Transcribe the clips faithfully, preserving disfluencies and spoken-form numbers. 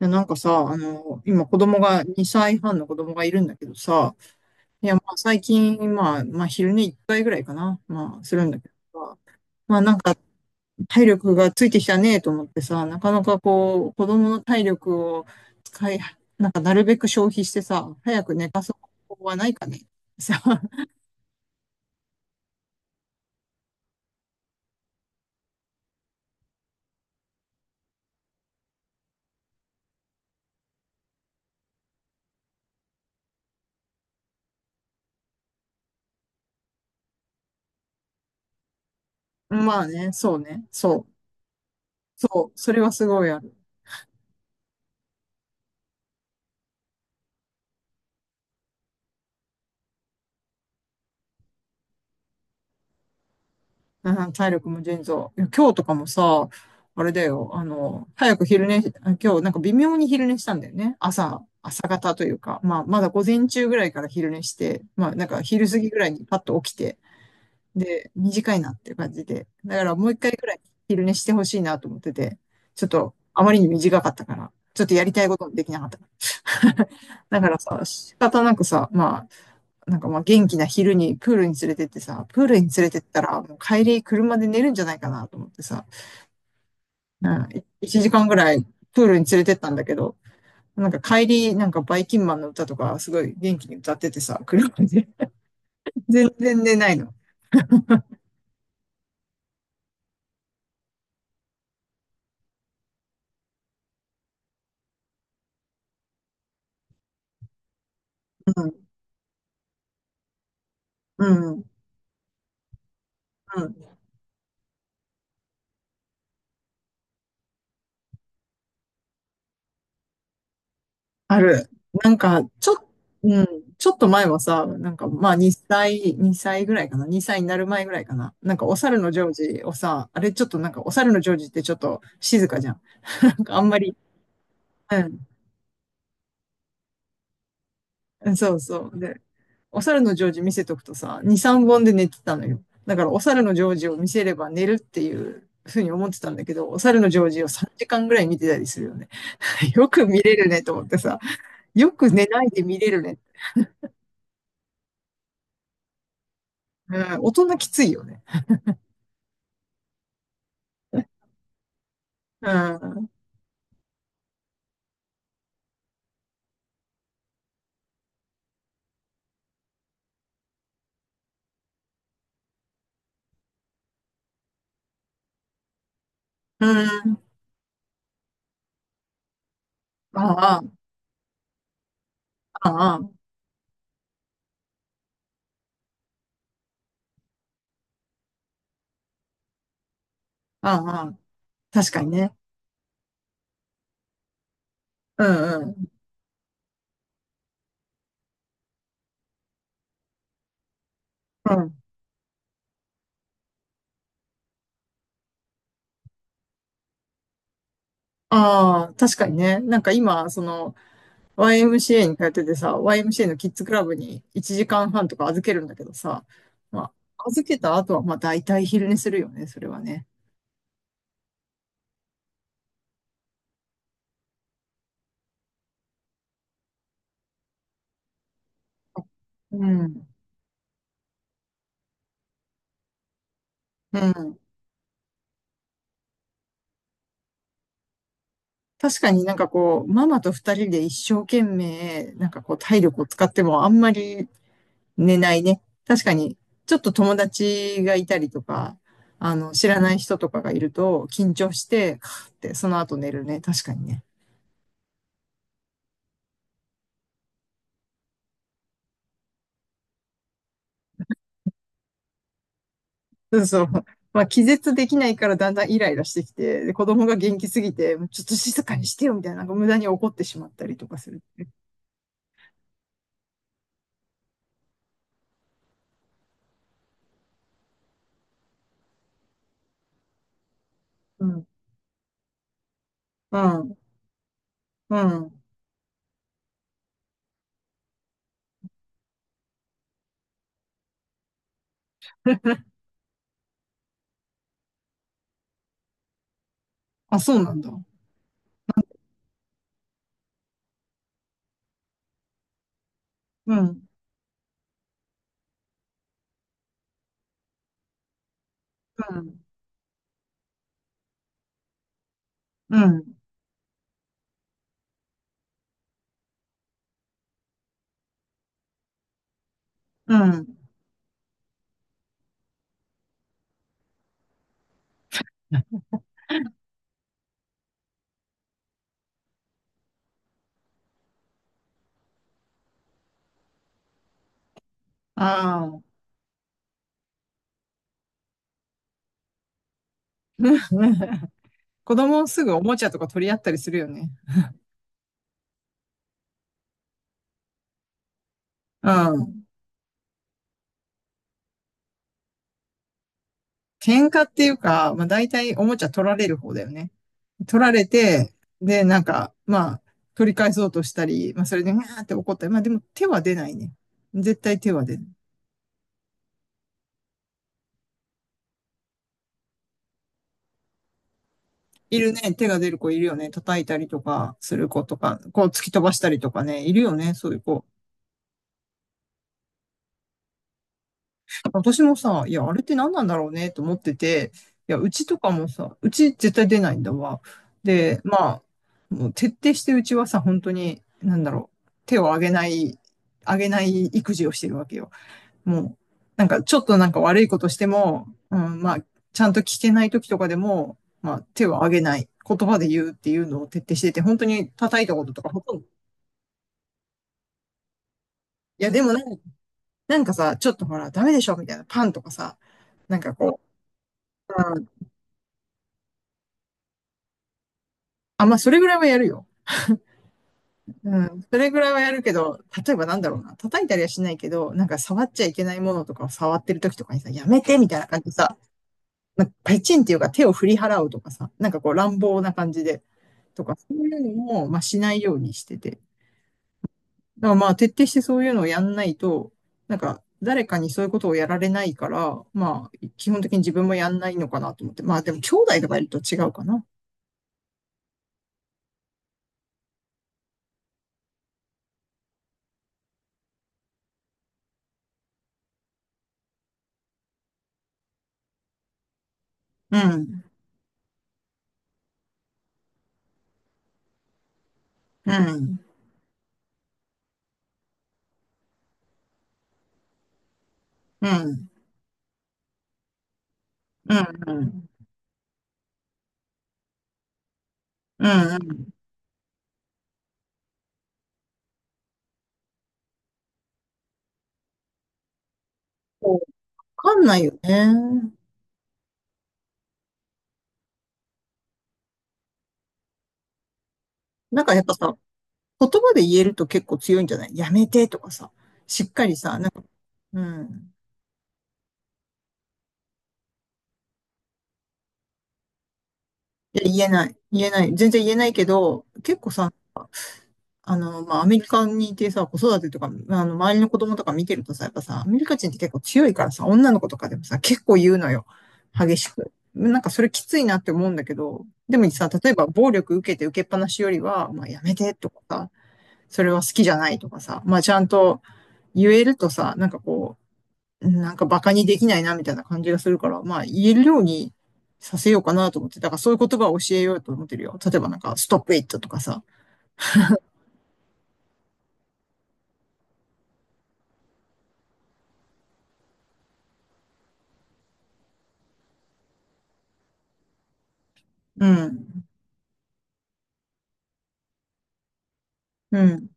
いやなんかさ、あの、今子供が、にさいはんの子供がいるんだけどさ、いや、まあ最近、まあ、まあ昼寝いっかいぐらいかな、まあするんだけどさ、まあなんか体力がついてきたねと思ってさ、なかなかこう、子供の体力を使い、なんかなるべく消費してさ、早く寝かす方法はないかね。さ、まあね、そうね、そう、そう、それはすごいある。うん、体力も腎臓。いや今日とかもさ、あれだよ、あの、早く昼寝し、あ今日なんか微妙に昼寝したんだよね。朝、朝方というか、まあ、まだ午前中ぐらいから昼寝して、まあ、なんか昼過ぎぐらいにパッと起きて、で、短いなっていう感じで。だからもう一回ぐらい昼寝してほしいなと思ってて、ちょっとあまりに短かったから、ちょっとやりたいこともできなかった。だからさ、仕方なくさ、まあ、なんかまあ元気な昼にプールに連れてってさ、プールに連れてったらもう帰り車で寝るんじゃないかなと思ってさ、うん、いちじかんぐらいプールに連れてったんだけど、なんか帰り、なんかバイキンマンの歌とかすごい元気に歌っててさ、車で 全然寝ないの。うん、うん、うん。ある。なんかちょっと、うん、ちょっと前はさ、なんかまあ2歳、にさいぐらいかな、にさいになる前ぐらいかな。なんかお猿のジョージをさ、あれちょっとなんかお猿のジョージってちょっと静かじゃん。なんかあんまりうん。うんそうそう。で、お猿のジョージ見せとくとさ、に、さんぼんで寝てたのよ。だからお猿のジョージを見せれば寝るっていうふうに思ってたんだけど、お猿のジョージをさんじかんぐらい見てたりするよね。よく見れるねと思ってさ、よく寝ないで見れるね。うん、大人きついよね。うん。うん。ああ、ああ、ああ、ああ確かにね。うんうん。うん。ああ、確かにね。なんか今、その、ワイエムシーエー に通っててさ、ワイエムシーエー のキッズクラブにいちじかんはんとか預けるんだけどさ、まあ、預けた後はまあ大体昼寝するよね、それはね。うん。うん。確かになんかこう、ママと二人で一生懸命、なんかこう体力を使ってもあんまり寝ないね。確かに、ちょっと友達がいたりとか、あの、知らない人とかがいると緊張して、カーってその後寝るね。確かにね。そうそう。まあ、気絶できないからだんだんイライラしてきて、で子供が元気すぎて、ちょっと静かにしてよみたいな、なんか無駄に怒ってしまったりとかするってう。うん。うん。うん。あ、そうなんだ。うん。うん。うん。うん。ああ。子供すぐおもちゃとか取り合ったりするよね。うん。喧嘩っていうか、まあ、大体おもちゃ取られる方だよね。取られて、で、なんか、まあ、取り返そうとしたり、まあ、それで、うわーって怒ったり、まあ、でも手は出ないね。絶対手は出ない。いるね。手が出る子いるよね。叩いたりとかする子とか、こう突き飛ばしたりとかね、いるよね。そういう子。私もさ、いや、あれって何なんだろうねと思ってて、いや、うちとかもさ、うち絶対出ないんだわ。で、まあ、もう徹底してうちはさ、本当に、なんだろう、手を上げない、上げない育児をしてるわけよ。もう、なんかちょっとなんか悪いことしても、うん、まあ、ちゃんと聞けない時とかでも、まあ、手を上げない。言葉で言うっていうのを徹底してて、本当に叩いたこととかほとんどいや、でもなんか、なんかさ、ちょっとほら、ダメでしょみたいな、パンとかさ、なんかこう、うん、あ、まあ、それぐらいはやるよ。うん、それぐらいはやるけど、例えばなんだろうな、叩いたりはしないけど、なんか触っちゃいけないものとかを触ってる時とかにさ、やめてみたいな感じでさ、なんかペチンっていうか手を振り払うとかさ、なんかこう乱暴な感じで、とか、そういうのも、まあ、しないようにしてて。だからまあ徹底してそういうのをやんないと、なんか誰かにそういうことをやられないから、まあ基本的に自分もやんないのかなと思って。まあでも兄弟とかいると違うかな。うん、うん、うん、うん、うん、うん。うんそうわかんないよね。なんかやっぱさ、言葉で言えると結構強いんじゃないやめてとかさ、しっかりさ、なんか、うん。いや、言えない。言えない。全然言えないけど、結構さ、あの、まあ、アメリカにいてさ、子育てとか、まあの、周りの子供とか見てるとさ、やっぱさ、アメリカ人って結構強いからさ、女の子とかでもさ、結構言うのよ。激しく。なんかそれきついなって思うんだけど、でもさ、例えば暴力受けて受けっぱなしよりは、まあ、やめてとかさ、それは好きじゃないとかさ、まあ、ちゃんと言えるとさ、なんかこう、なんか馬鹿にできないなみたいな感じがするから、まあ、言えるようにさせようかなと思って、だからそういう言葉を教えようと思ってるよ。例えばなんか、ストップイットとかさ、うん、うん。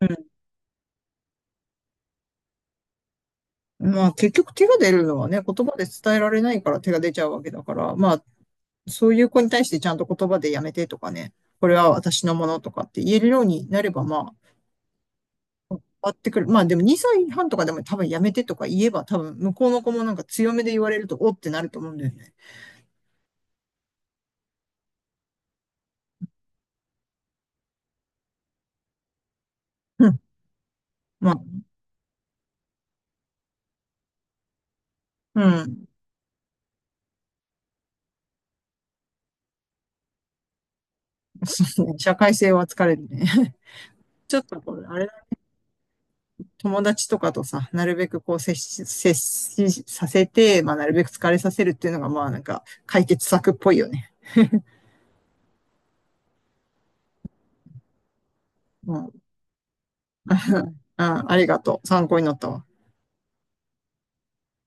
うんまあ結局手が出るのはね、言葉で伝えられないから手が出ちゃうわけだから、まあそういう子に対してちゃんと言葉でやめてとかね、これは私のものとかって言えるようになればまあ、あってくる。まあでもにさいはんとかでも多分やめてとか言えば多分向こうの子もなんか強めで言われるとおってなると思うんだよね。うん。まあ、うん。そうね社会性は疲れるね。ちょっとこれ、あれだ、友達とかとさ、なるべくこう接し、接しさせて、まあなるべく疲れさせるっていうのがまあなんか解決策っぽいよね。うん。うん、ありがとう。参考になったわ。